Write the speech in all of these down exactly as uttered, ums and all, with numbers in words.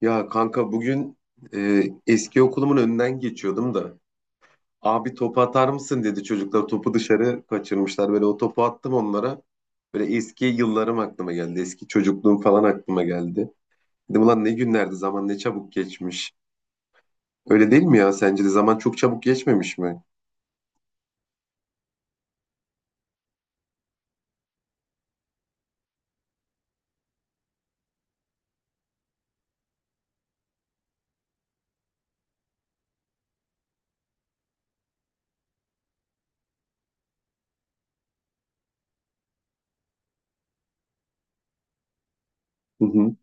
Ya kanka bugün e, eski okulumun önünden geçiyordum da abi topu atar mısın dedi çocuklar topu dışarı kaçırmışlar böyle o topu attım onlara böyle eski yıllarım aklıma geldi eski çocukluğum falan aklıma geldi dedim ulan ne günlerdi zaman ne çabuk geçmiş öyle değil mi ya sence de zaman çok çabuk geçmemiş mi? Hı hı.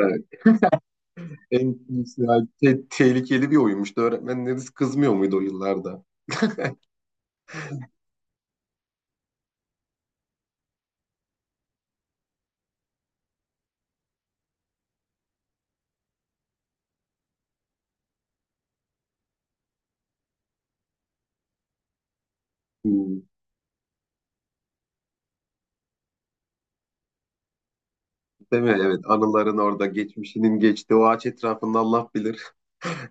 Yani en yani te- tehlikeli bir oyunmuştu öğretmenleriniz kızmıyor muydu o yıllarda? Hmm. Değil mi? Evet anıların orada geçmişinin geçti o ağaç etrafında Allah bilir.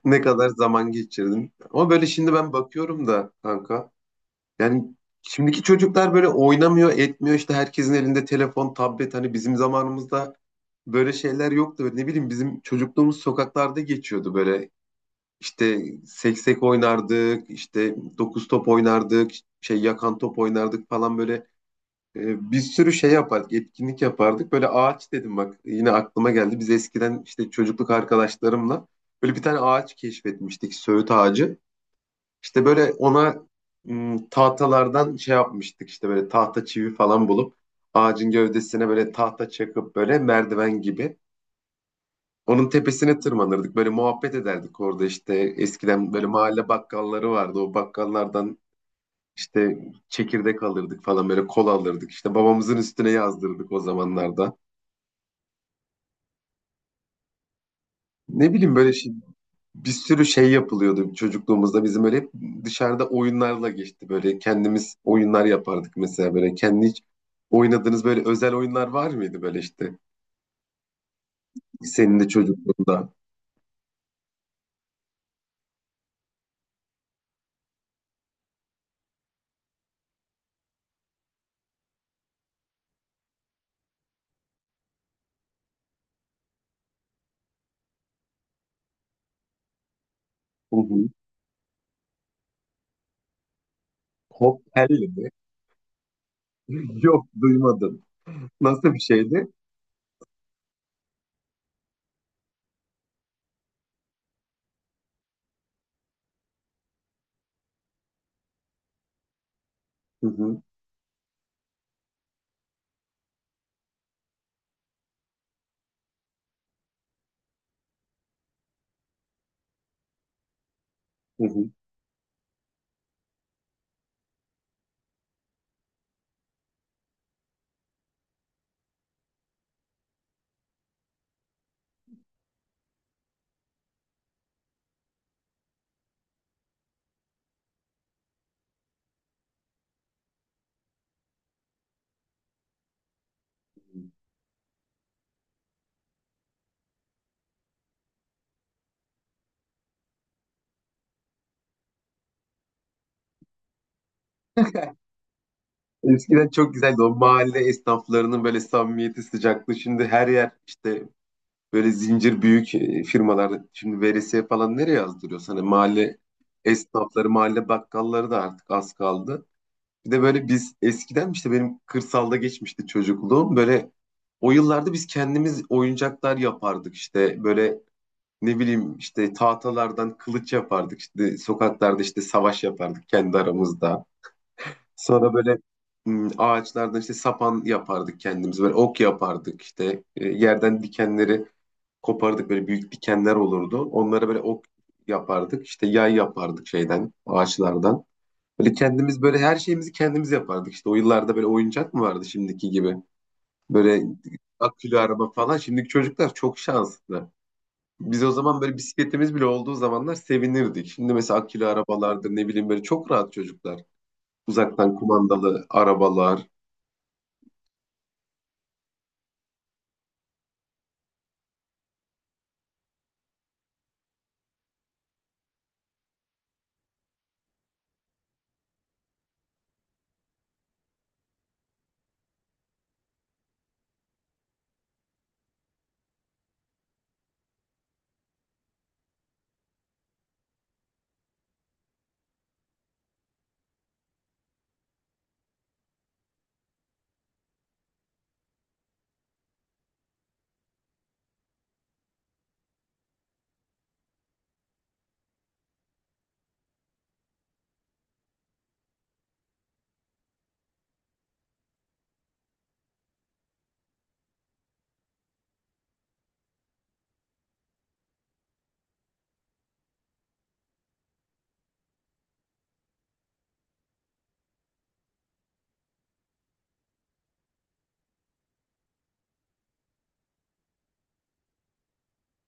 Ne kadar zaman geçirdim. Ama böyle şimdi ben bakıyorum da kanka. Yani şimdiki çocuklar böyle oynamıyor, etmiyor. İşte herkesin elinde telefon, tablet. Hani bizim zamanımızda böyle şeyler yoktu. Böyle ne bileyim bizim çocukluğumuz sokaklarda geçiyordu böyle. İşte seksek oynardık, işte dokuz top oynardık, şey yakan top oynardık falan böyle. E, bir sürü şey yapardık, etkinlik yapardık. Böyle ağaç dedim bak yine aklıma geldi. Biz eskiden işte çocukluk arkadaşlarımla böyle bir tane ağaç keşfetmiştik, söğüt ağacı. İşte böyle ona m, tahtalardan şey yapmıştık işte böyle tahta çivi falan bulup ağacın gövdesine böyle tahta çakıp böyle merdiven gibi. Onun tepesine tırmanırdık. Böyle muhabbet ederdik orada işte. Eskiden böyle mahalle bakkalları vardı. O bakkallardan işte çekirdek alırdık falan böyle kola alırdık. İşte babamızın üstüne yazdırdık o zamanlarda. Ne bileyim böyle şey, bir sürü şey yapılıyordu çocukluğumuzda. Bizim öyle hep dışarıda oyunlarla geçti. Böyle kendimiz oyunlar yapardık mesela böyle. Kendi hiç oynadığınız böyle özel oyunlar var mıydı böyle işte? Senin de çocukluğunda. Hı hı. Hop telli mi? Yok duymadım. Nasıl bir şeydi? Hı hı. Hı hı. Eskiden çok güzeldi. O mahalle esnaflarının böyle samimiyeti, sıcaklığı. Şimdi her yer işte böyle zincir büyük e, firmalar. Şimdi veresiye falan nereye yazdırıyor sana? Mahalle esnafları, mahalle bakkalları da artık az kaldı. Bir de böyle biz eskiden işte benim kırsalda geçmişti çocukluğum. Böyle o yıllarda biz kendimiz oyuncaklar yapardık işte. Böyle ne bileyim işte tahtalardan kılıç yapardık. İşte sokaklarda işte savaş yapardık kendi aramızda. Sonra böyle hmm, ağaçlardan işte sapan yapardık kendimiz. Böyle ok yapardık işte. E, yerden dikenleri kopardık. Böyle büyük dikenler olurdu. Onlara böyle ok yapardık. İşte yay yapardık şeyden, ağaçlardan. Böyle kendimiz böyle her şeyimizi kendimiz yapardık. İşte o yıllarda böyle oyuncak mı vardı şimdiki gibi? Böyle akülü araba falan. Şimdiki çocuklar çok şanslı. Biz o zaman böyle bisikletimiz bile olduğu zamanlar sevinirdik. Şimdi mesela akülü arabalardır ne bileyim böyle çok rahat çocuklar. Uzaktan kumandalı arabalar.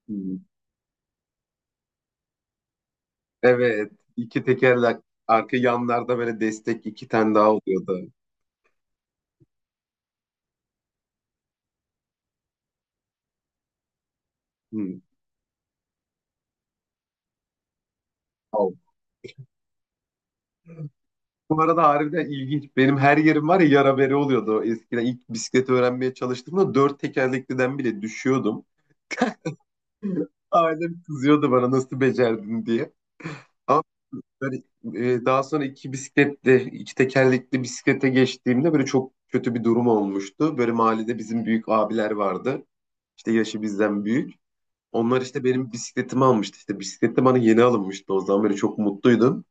Hmm. Evet. iki tekerlek arka yanlarda böyle destek iki tane daha oluyordu. Hmm. Al. Bu arada harbiden ilginç. Benim her yerim var ya yara bere oluyordu. Eskiden ilk bisikleti öğrenmeye çalıştığımda dört tekerlekliden bile düşüyordum. Ailem kızıyordu bana nasıl becerdin diye. Ama böyle, e, daha sonra iki bisikletli, iki tekerlekli bisiklete geçtiğimde böyle çok kötü bir durum olmuştu. Böyle mahallede bizim büyük abiler vardı. İşte yaşı bizden büyük. Onlar işte benim bisikletimi almıştı. İşte bisikletim bana yeni alınmıştı o zaman böyle çok mutluydum.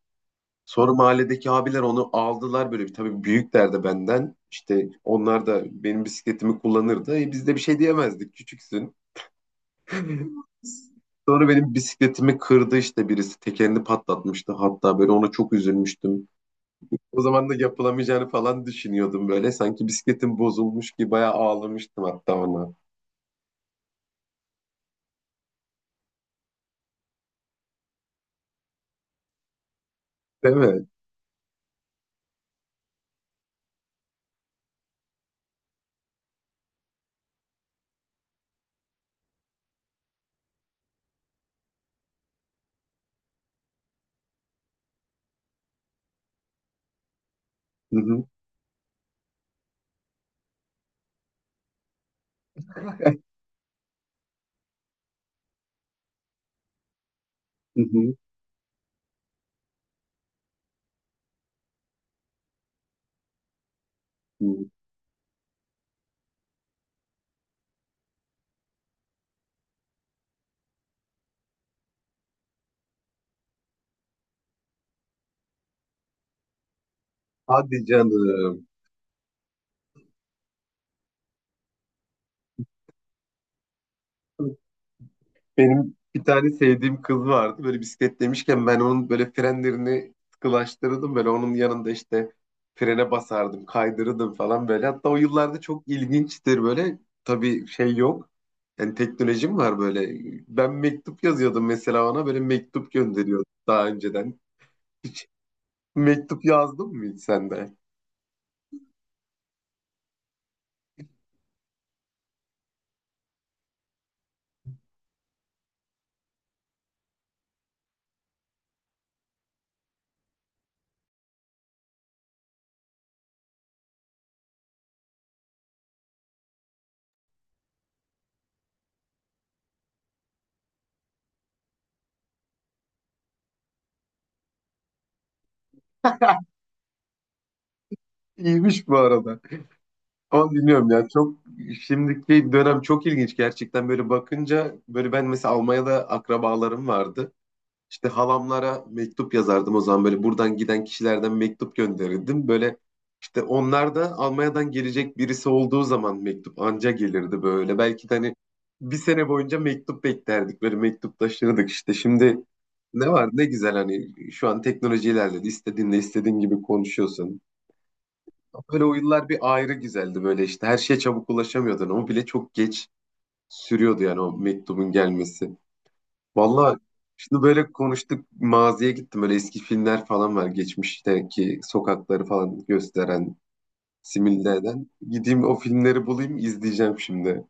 Sonra mahalledeki abiler onu aldılar böyle bir tabii büyükler de benden. İşte onlar da benim bisikletimi kullanırdı. E, biz de bir şey diyemezdik küçüksün. Sonra benim bisikletimi kırdı işte birisi tekerini patlatmıştı hatta böyle ona çok üzülmüştüm. O zaman da yapılamayacağını falan düşünüyordum böyle. Sanki bisikletim bozulmuş gibi bayağı ağlamıştım hatta ona. Değil mi? Hı hı, hı hı. Hı. Hadi canım. Benim bir tane sevdiğim kız vardı. Böyle bisiklet demişken ben onun böyle frenlerini sıkılaştırırdım. Böyle onun yanında işte frene basardım, kaydırırdım falan böyle. Hatta o yıllarda çok ilginçtir böyle. Tabii şey yok. Yani teknolojim var böyle. Ben mektup yazıyordum mesela ona. Böyle mektup gönderiyordum daha önceden. Hiç mektup yazdın mı hiç sen de? İyiymiş bu arada. Ama bilmiyorum ya çok şimdiki dönem çok ilginç gerçekten böyle bakınca böyle ben mesela Almanya'da akrabalarım vardı. İşte halamlara mektup yazardım o zaman böyle buradan giden kişilerden mektup gönderirdim. Böyle işte onlar da Almanya'dan gelecek birisi olduğu zaman mektup anca gelirdi böyle. Belki de hani bir sene boyunca mektup beklerdik böyle mektup taşırdık işte. Şimdi ne var ne güzel hani şu an teknoloji ilerledi istediğinle istediğin gibi konuşuyorsun. Böyle o yıllar bir ayrı güzeldi böyle işte her şeye çabuk ulaşamıyordun. O bile çok geç sürüyordu yani o mektubun gelmesi. Valla şimdi böyle konuştuk maziye gittim böyle eski filmler falan var geçmişteki sokakları falan gösteren simüle eden gideyim o filmleri bulayım izleyeceğim şimdi.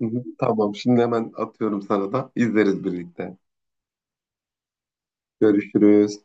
Hı hı, tamam şimdi hemen atıyorum sana da izleriz birlikte. Görüşürüz.